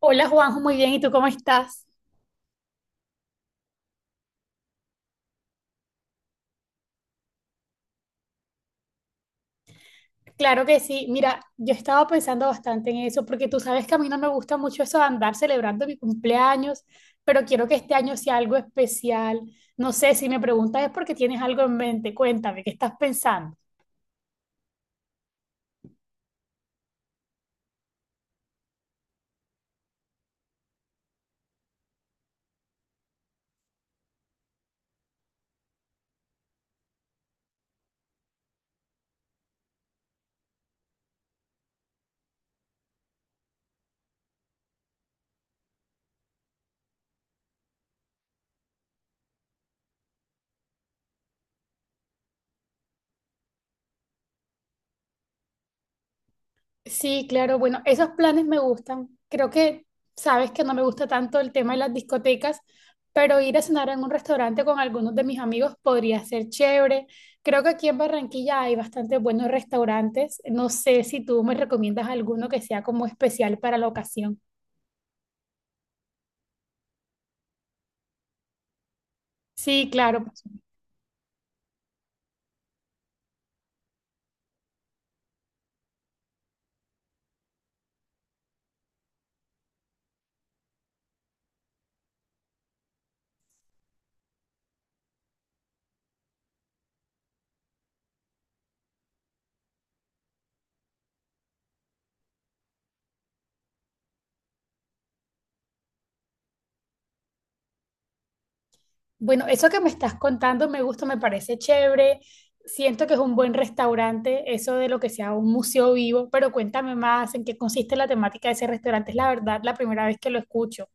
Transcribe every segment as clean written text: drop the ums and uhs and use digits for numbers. Hola Juanjo, muy bien, ¿y tú cómo estás? Claro que sí, mira, yo estaba pensando bastante en eso, porque tú sabes que a mí no me gusta mucho eso de andar celebrando mi cumpleaños, pero quiero que este año sea algo especial. No sé, si me preguntas es porque tienes algo en mente, cuéntame, ¿qué estás pensando? Sí, claro, bueno, esos planes me gustan. Creo que sabes que no me gusta tanto el tema de las discotecas, pero ir a cenar en un restaurante con algunos de mis amigos podría ser chévere. Creo que aquí en Barranquilla hay bastantes buenos restaurantes. No sé si tú me recomiendas alguno que sea como especial para la ocasión. Sí, claro. Bueno, eso que me estás contando me gusta, me parece chévere. Siento que es un buen restaurante, eso de lo que sea un museo vivo, pero cuéntame más en qué consiste la temática de ese restaurante. Es la verdad la primera vez que lo escucho.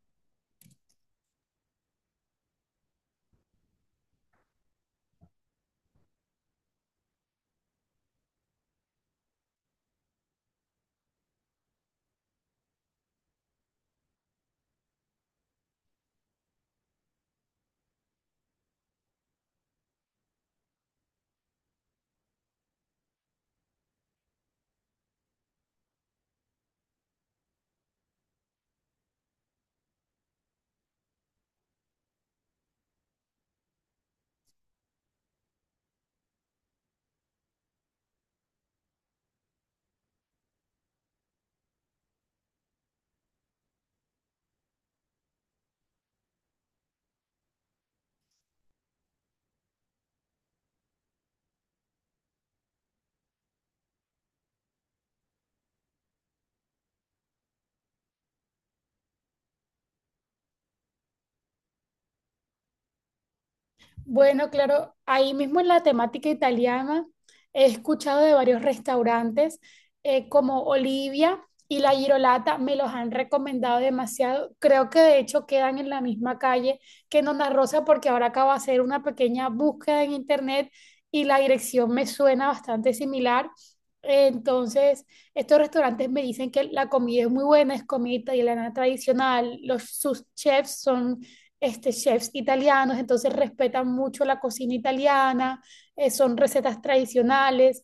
Bueno, claro, ahí mismo en la temática italiana he escuchado de varios restaurantes como Olivia y La Girolata, me los han recomendado demasiado. Creo que de hecho quedan en la misma calle que Nona Rosa porque ahora acabo de hacer una pequeña búsqueda en internet y la dirección me suena bastante similar. Entonces, estos restaurantes me dicen que la comida es muy buena, es comida italiana tradicional, sus chefs son chefs italianos, entonces respetan mucho la cocina italiana, son recetas tradicionales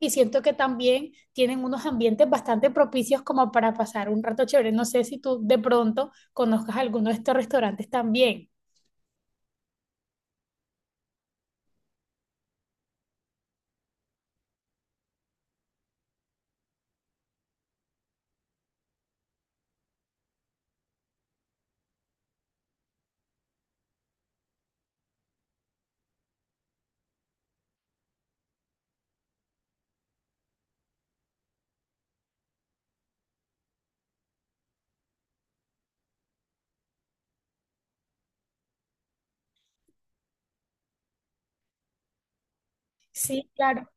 y siento que también tienen unos ambientes bastante propicios como para pasar un rato chévere. No sé si tú de pronto conozcas alguno de estos restaurantes también. Sí, claro.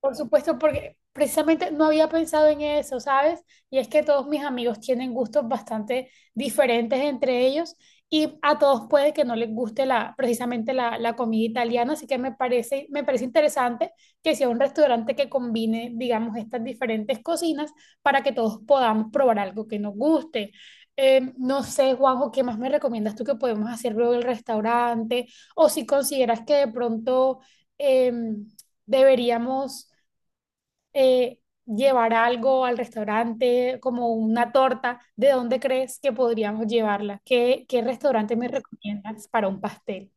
Por supuesto, porque precisamente no había pensado en eso, ¿sabes? Y es que todos mis amigos tienen gustos bastante diferentes entre ellos y a todos puede que no les guste precisamente la comida italiana, así que me parece interesante que sea un restaurante que combine, digamos, estas diferentes cocinas para que todos podamos probar algo que nos guste. No sé, Juanjo, ¿qué más me recomiendas tú que podemos hacer luego el restaurante? O si consideras que de pronto em, deberíamos eh, llevar algo al restaurante, como una torta, ¿de dónde crees que podríamos llevarla? ¿Qué, qué restaurante me recomiendas para un pastel?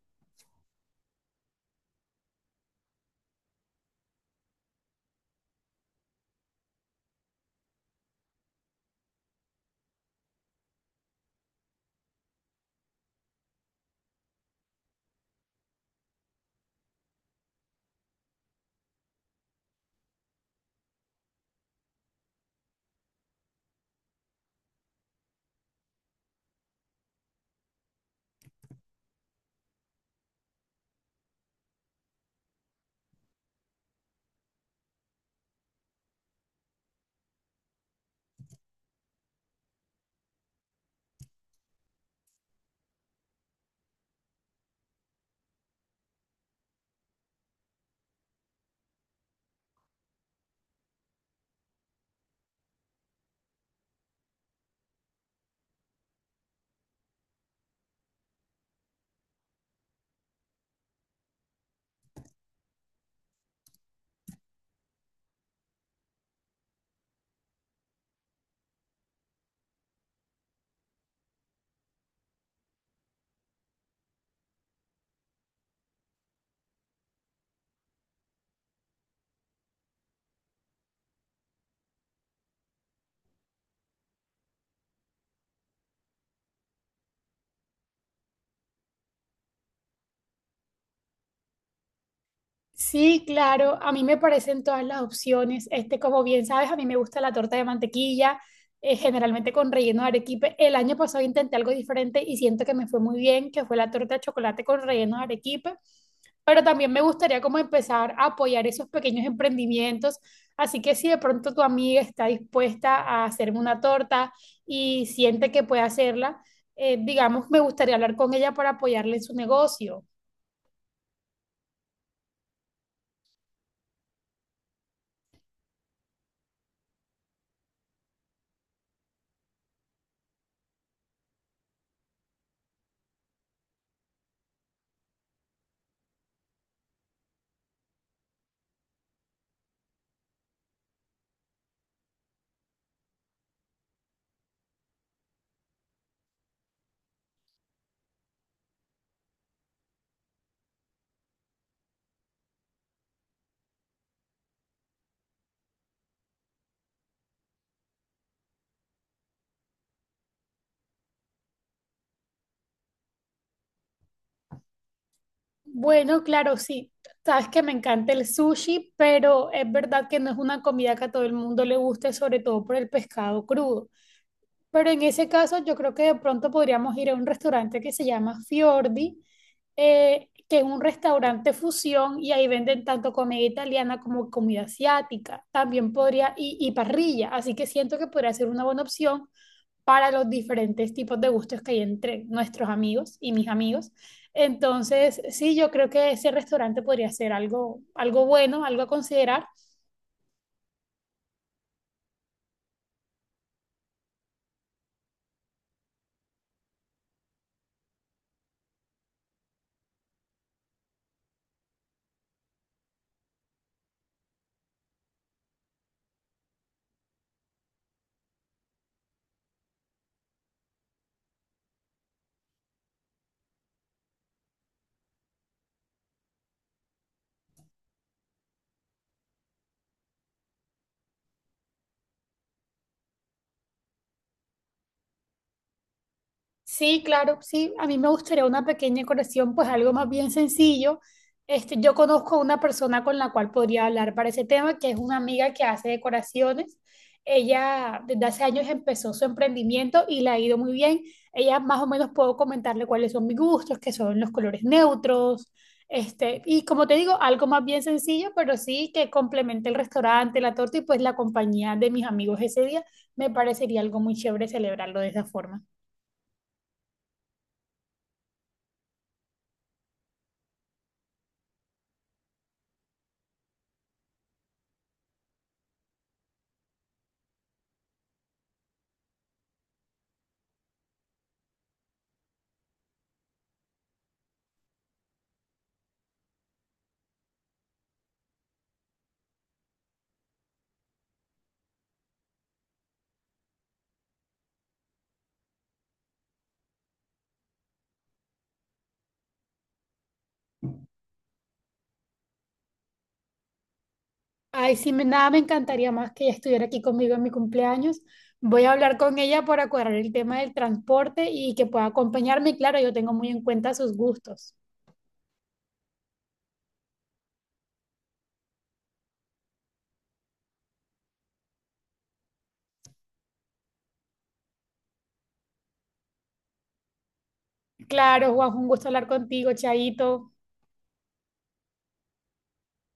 Sí, claro, a mí me parecen todas las opciones. Como bien sabes, a mí me gusta la torta de mantequilla, generalmente con relleno de arequipe. El año pasado intenté algo diferente y siento que me fue muy bien, que fue la torta de chocolate con relleno de arequipe. Pero también me gustaría como empezar a apoyar esos pequeños emprendimientos. Así que si de pronto tu amiga está dispuesta a hacerme una torta y siente que puede hacerla, digamos, me gustaría hablar con ella para apoyarle en su negocio. Bueno, claro, sí. Sabes que me encanta el sushi, pero es verdad que no es una comida que a todo el mundo le guste, sobre todo por el pescado crudo. Pero en ese caso, yo creo que de pronto podríamos ir a un restaurante que se llama Fiordi, que es un restaurante fusión y ahí venden tanto comida italiana como comida asiática. También podría, y parrilla, así que siento que podría ser una buena opción para los diferentes tipos de gustos que hay entre nuestros amigos y mis amigos. Entonces, sí, yo creo que ese restaurante podría ser algo, algo bueno, algo a considerar. Sí, claro, sí. A mí me gustaría una pequeña colección, pues algo más bien sencillo. Yo conozco a una persona con la cual podría hablar para ese tema, que es una amiga que hace decoraciones. Ella desde hace años empezó su emprendimiento y le ha ido muy bien. Ella más o menos puedo comentarle cuáles son mis gustos, que son los colores neutros, y como te digo, algo más bien sencillo, pero sí que complemente el restaurante, la torta y pues la compañía de mis amigos ese día. Me parecería algo muy chévere celebrarlo de esa forma. Ay, sí, nada me encantaría más que ella estuviera aquí conmigo en mi cumpleaños. Voy a hablar con ella para cuadrar el tema del transporte y que pueda acompañarme. Y claro, yo tengo muy en cuenta sus gustos. Claro, Juan, un gusto hablar contigo, Chaito.